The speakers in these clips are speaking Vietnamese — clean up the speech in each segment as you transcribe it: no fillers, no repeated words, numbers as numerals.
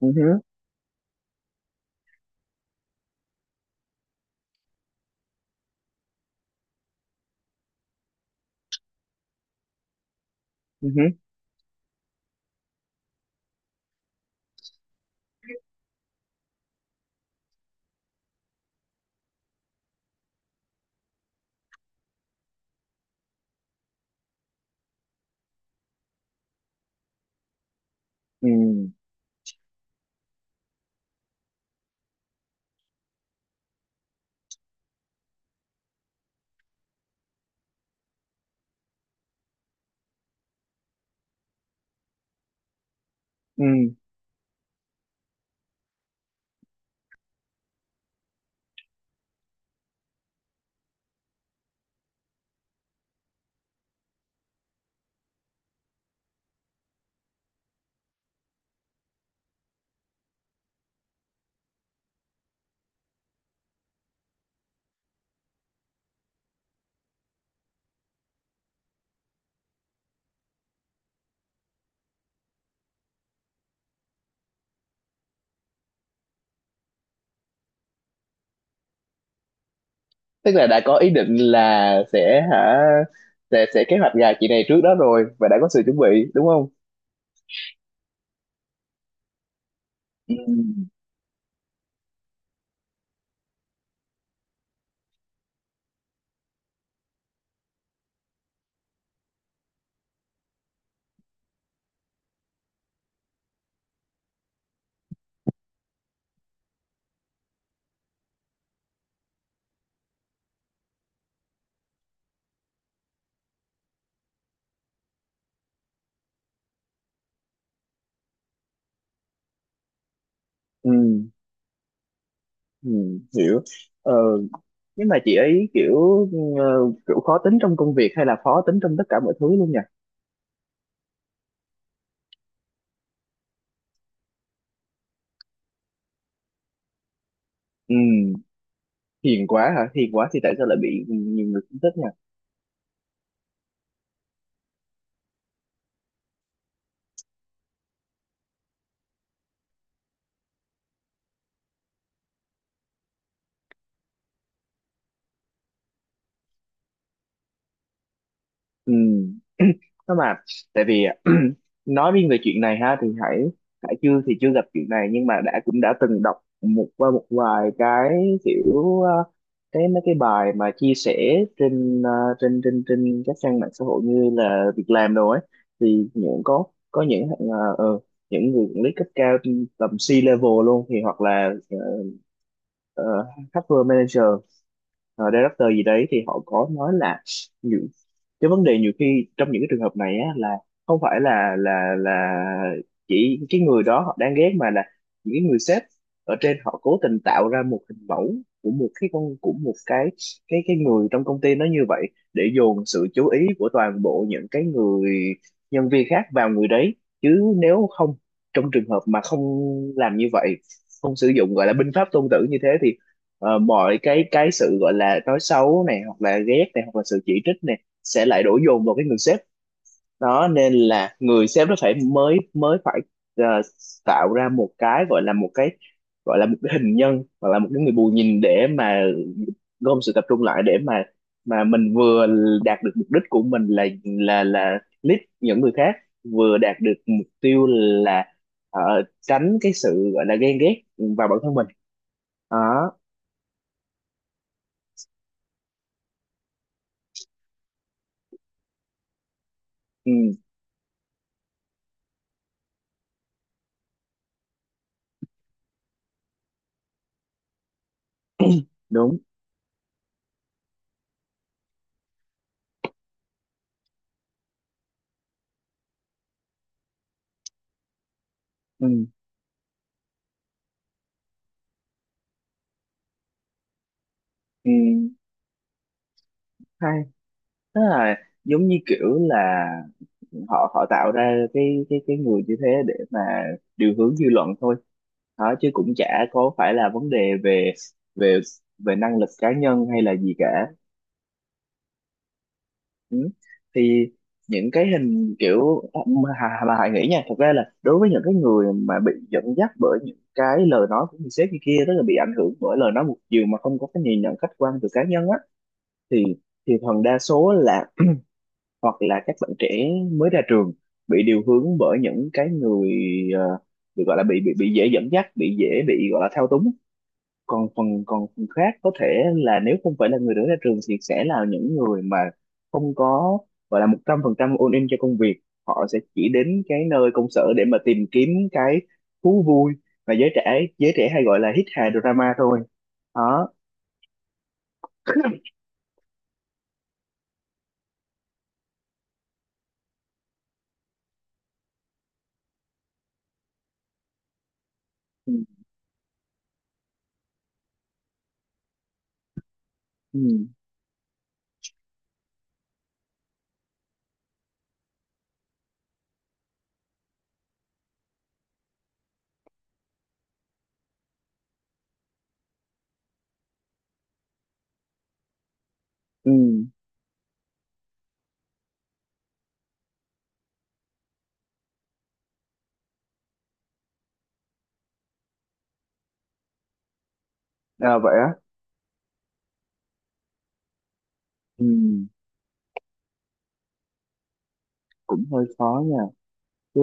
Ừ hứ, ừ hứ, ừ, ừ. Tức là đã có ý định là sẽ hả sẽ kế hoạch gà chị này trước đó rồi và đã có sự chuẩn bị, đúng không? Ừ. Ừ. Ừ. Hiểu. Ờ, nhưng mà chị ấy kiểu ờ, kiểu khó tính trong công việc hay là khó tính trong tất cả mọi thứ luôn nhỉ? Ừ. Hiền quá hả? Hiền quá thì tại sao lại bị nhiều người không thích nhỉ? Ừ. Nó mà Tại vì nói riêng về chuyện này ha, thì hãy chưa thì chưa gặp chuyện này, nhưng mà cũng đã từng đọc qua một vài cái kiểu cái mấy cái bài mà chia sẻ trên trên các trang mạng xã hội, như là việc làm đồ ấy, thì có những người quản lý cấp cao trên tầm C level luôn, thì hoặc là ờ, HR manager, director gì đấy, thì họ có nói là những cái vấn đề nhiều khi trong những cái trường hợp này á, là không phải là là chỉ cái người đó họ đang ghét, mà là những cái người sếp ở trên họ cố tình tạo ra một hình mẫu của một cái con, của một cái cái người trong công ty nó như vậy để dồn sự chú ý của toàn bộ những cái người nhân viên khác vào người đấy. Chứ nếu không, trong trường hợp mà không làm như vậy, không sử dụng gọi là binh pháp Tôn Tử như thế, thì mọi cái sự gọi là nói xấu này hoặc là ghét này hoặc là sự chỉ trích này sẽ lại đổ dồn vào cái người sếp đó, nên là người sếp nó phải mới mới phải ờ, tạo ra một cái gọi là một cái hình nhân, hoặc là một cái người bù nhìn để mà gom sự tập trung lại, để mà mình vừa đạt được mục đích của mình là là lead những người khác, vừa đạt được mục tiêu là ờ, tránh cái sự gọi là ghen ghét vào bản thân mình đó. Ừ, đúng. Ừ, ừ, hay, tức là giống như kiểu là họ họ tạo ra cái cái người như thế để mà điều hướng dư luận thôi đó, chứ cũng chả có phải là vấn đề về về về năng lực cá nhân hay là gì cả. Ừ. Thì những cái hình kiểu mà Hải nghĩ nha, thật ra là đối với những cái người mà bị dẫn dắt bởi những cái lời nói của người sếp như kia, tức là bị ảnh hưởng bởi lời nói một chiều mà không có cái nhìn nhận khách quan từ cá nhân á, thì phần đa số là hoặc là các bạn trẻ mới ra trường bị điều hướng bởi những cái người, ờ, bị gọi là bị dễ dẫn dắt, bị dễ bị gọi là thao túng. Còn phần khác có thể là nếu không phải là người mới ra trường thì sẽ là những người mà không có gọi là 100% all in cho công việc, họ sẽ chỉ đến cái nơi công sở để mà tìm kiếm cái thú vui mà giới trẻ hay gọi là hít hà drama thôi đó. Ừ. Ừ. Ừ. À, vậy á. Ừ, cũng hơi khó nha. cứ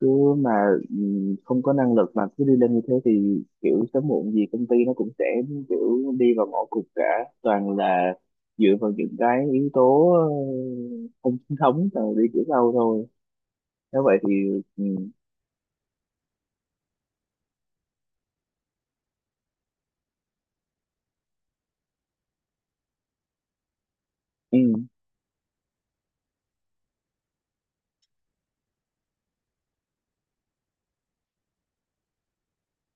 cứ mà ừ, không có năng lực mà cứ đi lên như thế thì kiểu sớm muộn gì công ty nó cũng sẽ kiểu đi vào ngõ cụt cả, toàn là dựa vào những cái yếu tố không chính thống rồi đi kiểu sau thôi. Nếu vậy thì ừ, ừ,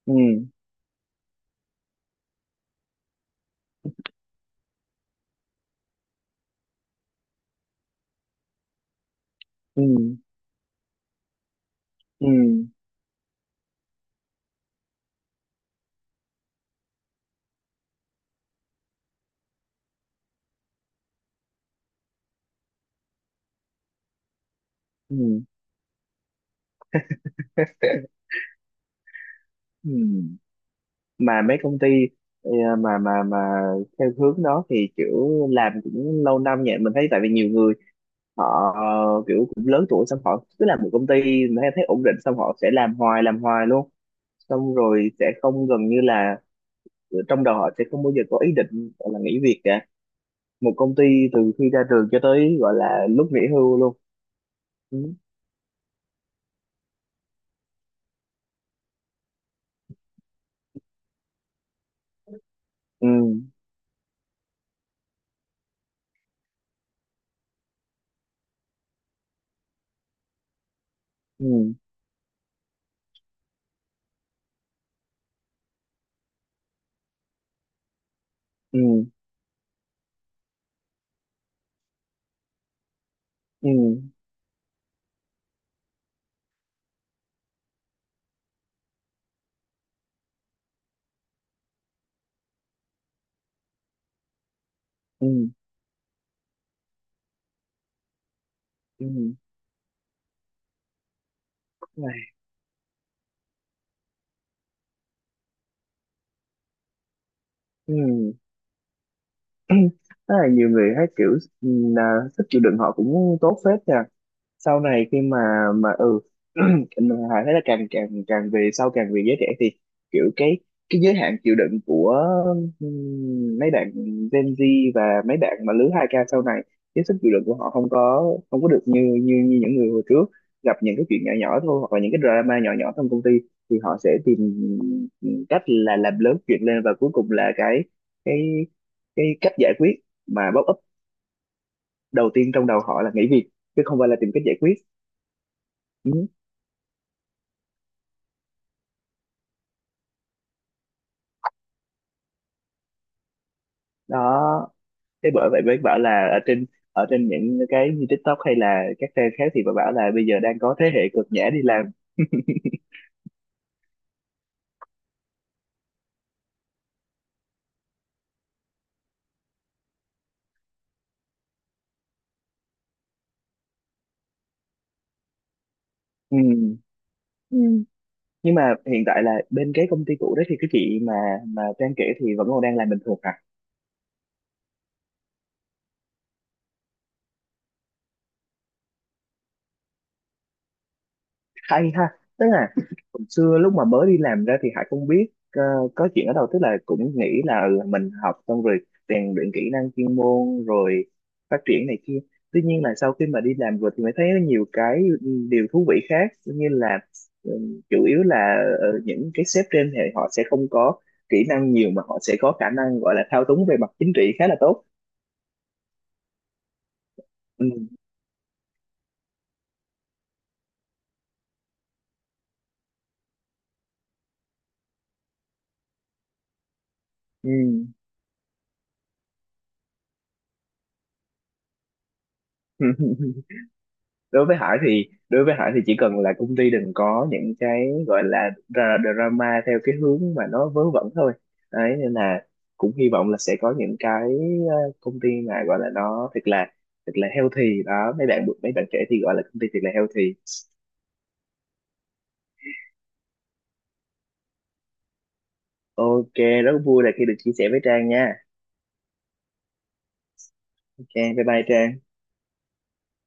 ừ, ừ, ừ, ừ. Ừ. Mà mấy công ty ờ, mà theo hướng đó thì kiểu làm cũng lâu năm nhỉ, mình thấy. Tại vì nhiều người họ kiểu cũng lớn tuổi, xong họ cứ làm một công ty mà thấy ổn định, xong họ sẽ làm hoài luôn, xong rồi sẽ không, gần như là trong đầu họ sẽ không bao giờ có ý định gọi là nghỉ việc cả, một công ty từ khi ra trường cho tới gọi là lúc nghỉ hưu luôn. Ừ, ừ, ừ, ừ, ừ, ừ, ừ. Này, ừ. Tức là nhiều người thấy kiểu ừ, là sức chịu đựng họ cũng tốt phết nhỉ. Sau này khi mà ừ, mà thấy là càng càng càng về sau càng về giới trẻ thì kiểu cái giới hạn chịu đựng của mấy bạn Gen Z và mấy bạn mà lứa 2k sau này, cái sức chịu đựng của họ không có, được như như như những người hồi trước, gặp những cái chuyện nhỏ nhỏ thôi hoặc là những cái drama nhỏ nhỏ trong công ty thì họ sẽ tìm cách là làm lớn chuyện lên, và cuối cùng là cái cái cái cách giải quyết mà pop up đầu tiên trong đầu họ là nghỉ việc, chứ không phải là tìm cách giải quyết. Ừ. Đó, thế bởi vậy mới bảo là ở trên những cái như TikTok hay là các trang khác, thì bà bảo là bây giờ đang có thế hệ cực nhã đi làm. Ừ. Ừ. Nhưng mà hiện tại là bên cái công ty cũ đó thì cái chị mà Trang kể thì vẫn còn đang làm bình thường hả? Hay ha. Tức là hồi xưa lúc mà mới đi làm ra thì Hải không biết có chuyện ở đâu, tức là cũng nghĩ là ừ, mình học xong rồi rèn luyện kỹ năng chuyên môn rồi phát triển này kia, tuy nhiên là sau khi mà đi làm rồi thì mới thấy có nhiều cái, ừ, điều thú vị khác, như là ừ, chủ yếu là những cái sếp trên thì họ sẽ không có kỹ năng nhiều, mà họ sẽ có khả năng gọi là thao túng về mặt chính trị khá là tốt. Ừ. Ừ. Đối với Hải thì đối với Hải thì chỉ cần là công ty đừng có những cái gọi là drama theo cái hướng mà nó vớ vẩn thôi đấy, nên là cũng hy vọng là sẽ có những cái ờ, công ty mà gọi là nó thật là healthy đó, mấy bạn trẻ thì gọi là công ty thật là healthy. OK. Rất vui là khi được chia sẻ với Trang nha. OK, bye bye Trang.